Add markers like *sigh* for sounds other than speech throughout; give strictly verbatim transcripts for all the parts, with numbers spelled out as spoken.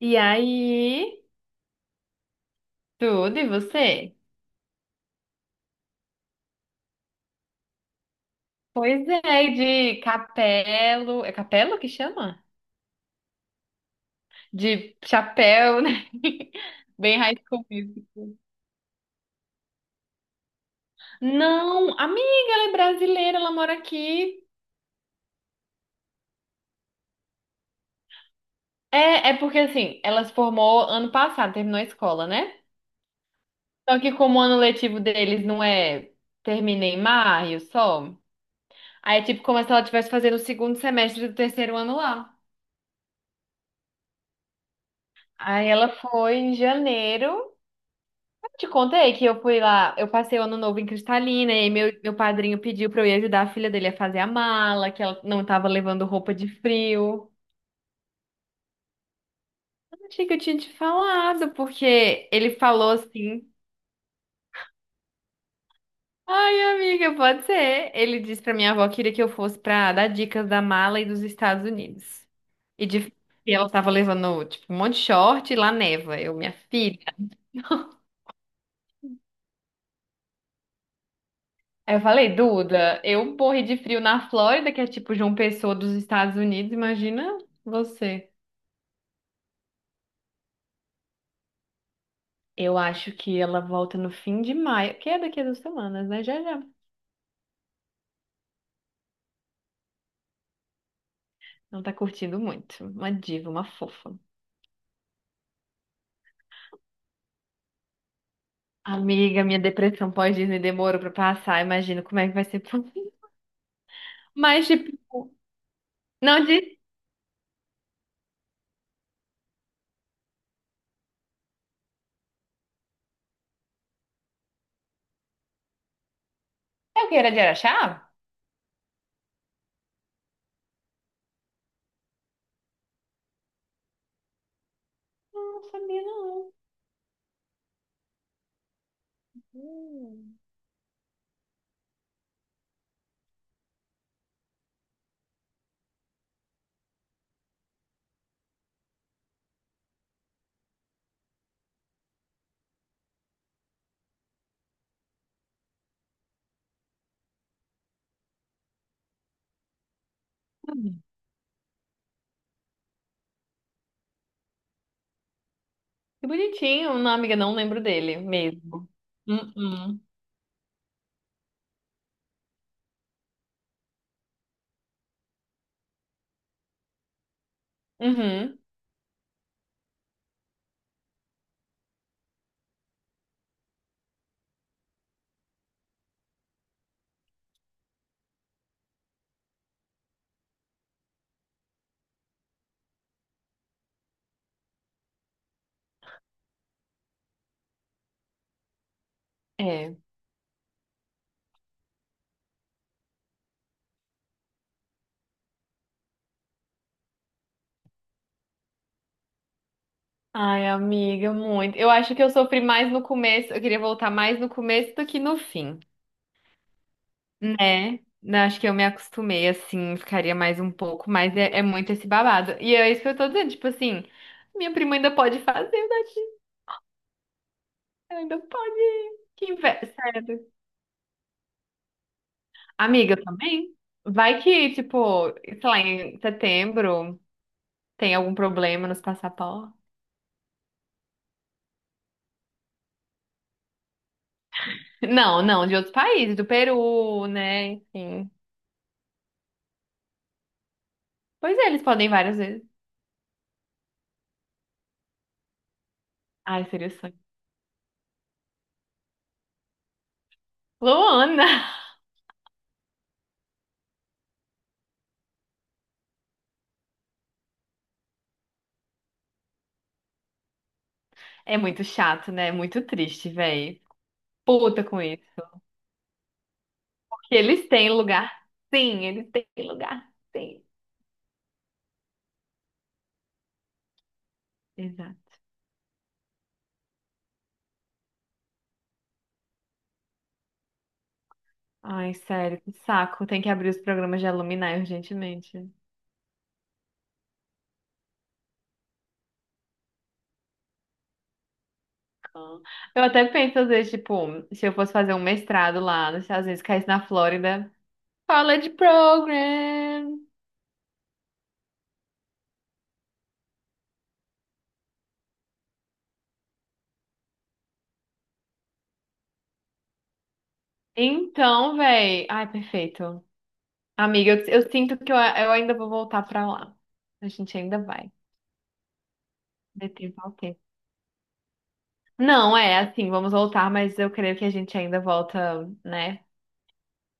E aí, tudo e você? Pois é, de capelo. É capelo que chama? De chapéu, né? *laughs* Bem high school music. Não, amiga, ela é brasileira, ela mora aqui. É, é porque assim, ela se formou ano passado, terminou a escola, né? Só que como o ano letivo deles não é termina em maio só, aí é tipo como se ela estivesse fazendo o segundo semestre do terceiro ano lá. Aí ela foi em janeiro. Te contei que eu fui lá, eu passei o ano novo em Cristalina e meu, meu padrinho pediu pra eu ir ajudar a filha dele a fazer a mala, que ela não tava levando roupa de frio. Eu Achei que eu tinha te falado, porque ele falou assim: Ai, amiga, pode ser. Ele disse pra minha avó que queria que eu fosse pra dar dicas da mala e dos Estados Unidos. E de e ela tava levando, tipo, um monte de short e lá neva. Eu, minha filha. Aí eu falei, Duda, eu morri de frio na Flórida, que é tipo João Pessoa dos Estados Unidos, imagina você. Eu acho que ela volta no fim de maio, que é daqui a duas semanas, né? Já já. Ela tá curtindo muito. Uma diva, uma fofa. Amiga, minha depressão pós-Disney demorou pra passar. Imagino como é que vai ser por mim. *laughs* Mas, tipo, não disse. É o que era de Araxá? Não, não sabia não. Hum. Que bonitinho. Não, amiga, não lembro dele mesmo. Uhum. Uhum. É. Ai, amiga, muito. Eu acho que eu sofri mais no começo. Eu queria voltar mais no começo do que no fim. Né? Não, acho que eu me acostumei, assim, ficaria mais um pouco, mas é, é muito esse babado. E é isso que eu tô dizendo, tipo assim, minha prima ainda pode fazer, Nath, ela ainda pode. Que inveja, sério. Amiga também? Vai que, tipo, sei lá, em setembro tem algum problema nos passaportes. Não, não, de outros países, do Peru, né? Enfim. Pois é, eles podem várias vezes. Ai, seria o sonho. Luana! *laughs* É muito chato, né? É muito triste, véi. Puta com isso. Que eles têm lugar. Sim, eles têm lugar. Sim. Exato. Ai, sério, que saco. Tem que abrir os programas de alumni urgentemente. Ah. Eu até penso, às vezes, tipo, se eu fosse fazer um mestrado lá nos Estados Unidos, caísse na Flórida. College Program. Então, véi. Ai, perfeito. Amiga, eu, eu sinto que eu, eu ainda vou voltar pra lá. A gente ainda vai. De tempo ao tempo. Não, é assim, vamos voltar, mas eu creio que a gente ainda volta, né?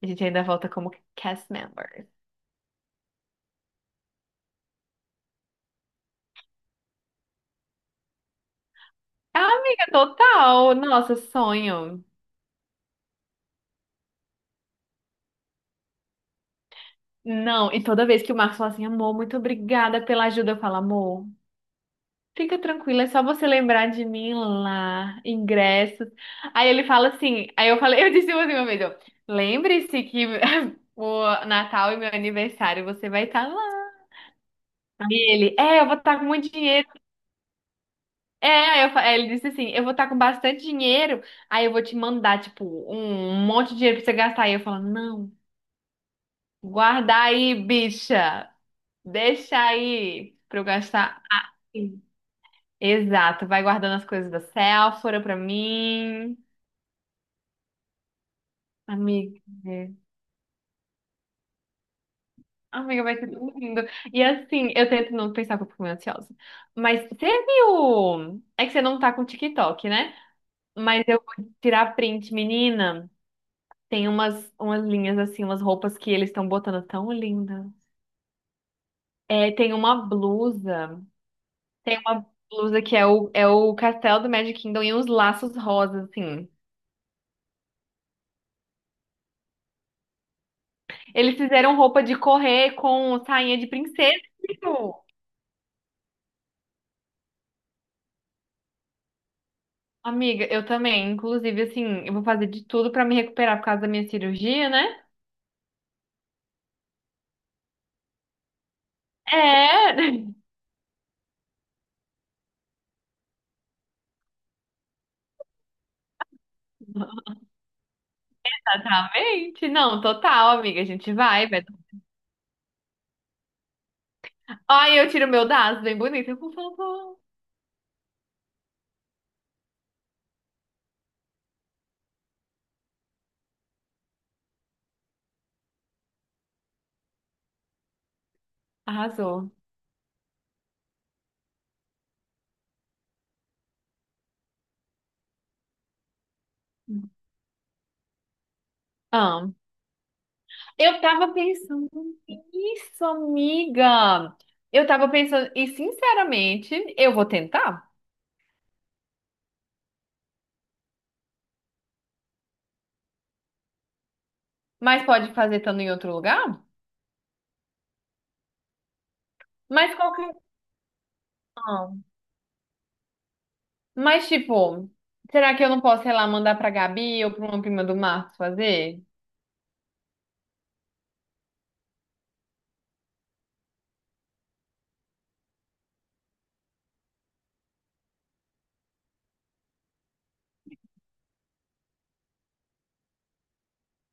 A gente ainda volta como cast member. Ah, amiga, total. Nossa, sonho. Não, e toda vez que o Marcos fala assim, amor, muito obrigada pela ajuda, eu falo, amor, fica tranquila, é só você lembrar de mim lá, ingressos. Aí ele fala assim, aí eu falei, *laughs* eu disse assim uma vez, ó, lembre-se que *laughs* o Natal e meu aniversário você vai estar lá. E ele, é, eu vou estar com muito dinheiro. É, eu fa- é, ele disse assim, eu vou estar com bastante dinheiro, aí eu vou te mandar, tipo, um monte de dinheiro pra você gastar. Aí eu falo, não, guarda aí, bicha, deixa aí pra eu gastar aqui. Exato, vai guardando as coisas da Sephora pra mim. Amiga, é. amiga, vai ser tudo lindo. E assim, eu tento não pensar que eu fico meio ansiosa. Mas você viu? É que você não tá com TikTok, né? Mas eu vou tirar print, menina. Tem umas, umas linhas assim, umas roupas que eles estão botando tão lindas. É, tem uma blusa, tem uma blusa que é o, é o castelo do Magic Kingdom e uns laços rosas, assim. Eles fizeram roupa de correr com sainha de princesa. viu? Amiga, eu também. Inclusive, assim, eu vou fazer de tudo pra me recuperar por causa da minha cirurgia, né? É, *laughs* exatamente. Não, total, amiga. A gente vai, vai. Ai, eu tiro meu daço, bem bonito. Por favor. Arrasou. Amo. Eu tava pensando nisso, amiga. Eu tava pensando, e sinceramente, eu vou tentar, mas pode fazer estando em outro lugar? Mas qualquer. Não. Mas tipo, será que eu não posso, sei lá, mandar pra Gabi ou pra uma prima do Marcos fazer?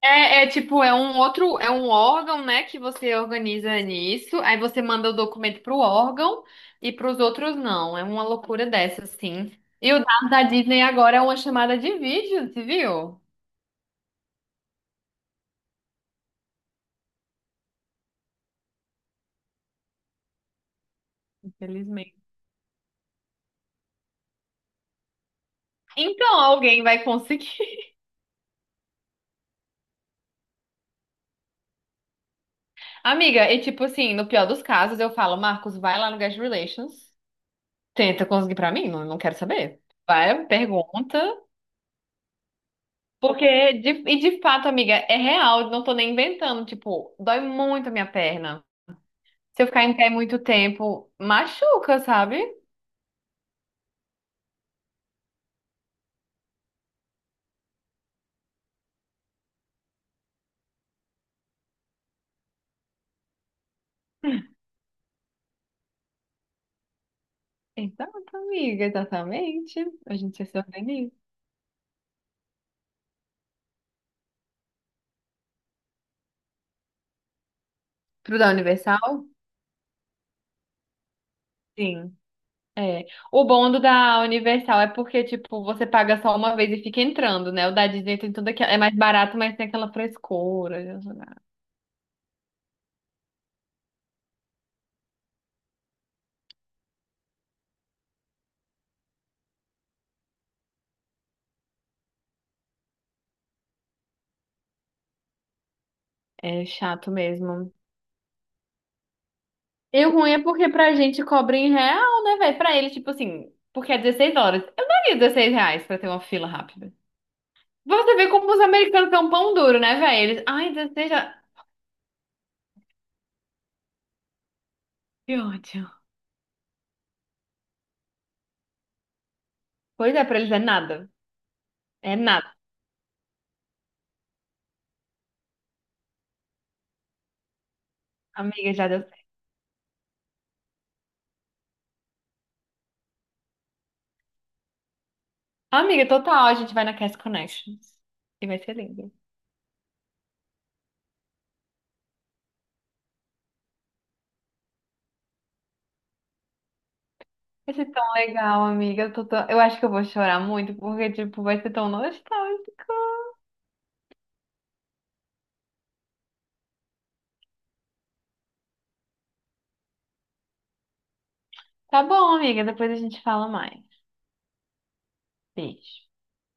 É, é tipo, é um outro, é um órgão, né, que você organiza nisso, aí você manda o documento pro órgão e pros outros não. É uma loucura dessa, assim. E o dado da Disney agora é uma chamada de vídeo, você viu? Infelizmente. Então alguém vai conseguir. *laughs* Amiga, e tipo assim, no pior dos casos, eu falo, Marcos, vai lá no Guest Relations, tenta conseguir pra mim, não, não quero saber. Vai, pergunta. Porque, de, e de fato, amiga, é real, não tô nem inventando. Tipo, dói muito a minha perna. Se eu ficar em pé muito tempo, machuca, sabe? Exato, amiga, exatamente. A gente se organiza. Pro da Universal? Sim. É. O bom do da Universal é porque, tipo, você paga só uma vez e fica entrando, né? O da Disney tem tudo aquilo. É mais barato, mas tem aquela frescura. É chato mesmo. E o ruim é porque pra gente cobra em real, né, velho? Pra ele, tipo assim, porque é dezesseis horas. Eu daria dezesseis reais pra ter uma fila rápida. Você vê como os americanos são pão duro, né, velho? Eles, ai, dezesseis, já. Que ódio. Pois é, pra eles é nada. É nada. Amiga, já deu certo. Amiga, total, a gente vai na Cast Connections. E vai ser lindo. Vai ser tão legal, amiga. Eu, tô tão- eu acho que eu vou chorar muito, porque, tipo, vai ser tão nostálgico. Tá bom, amiga. Depois a gente fala mais. Beijo.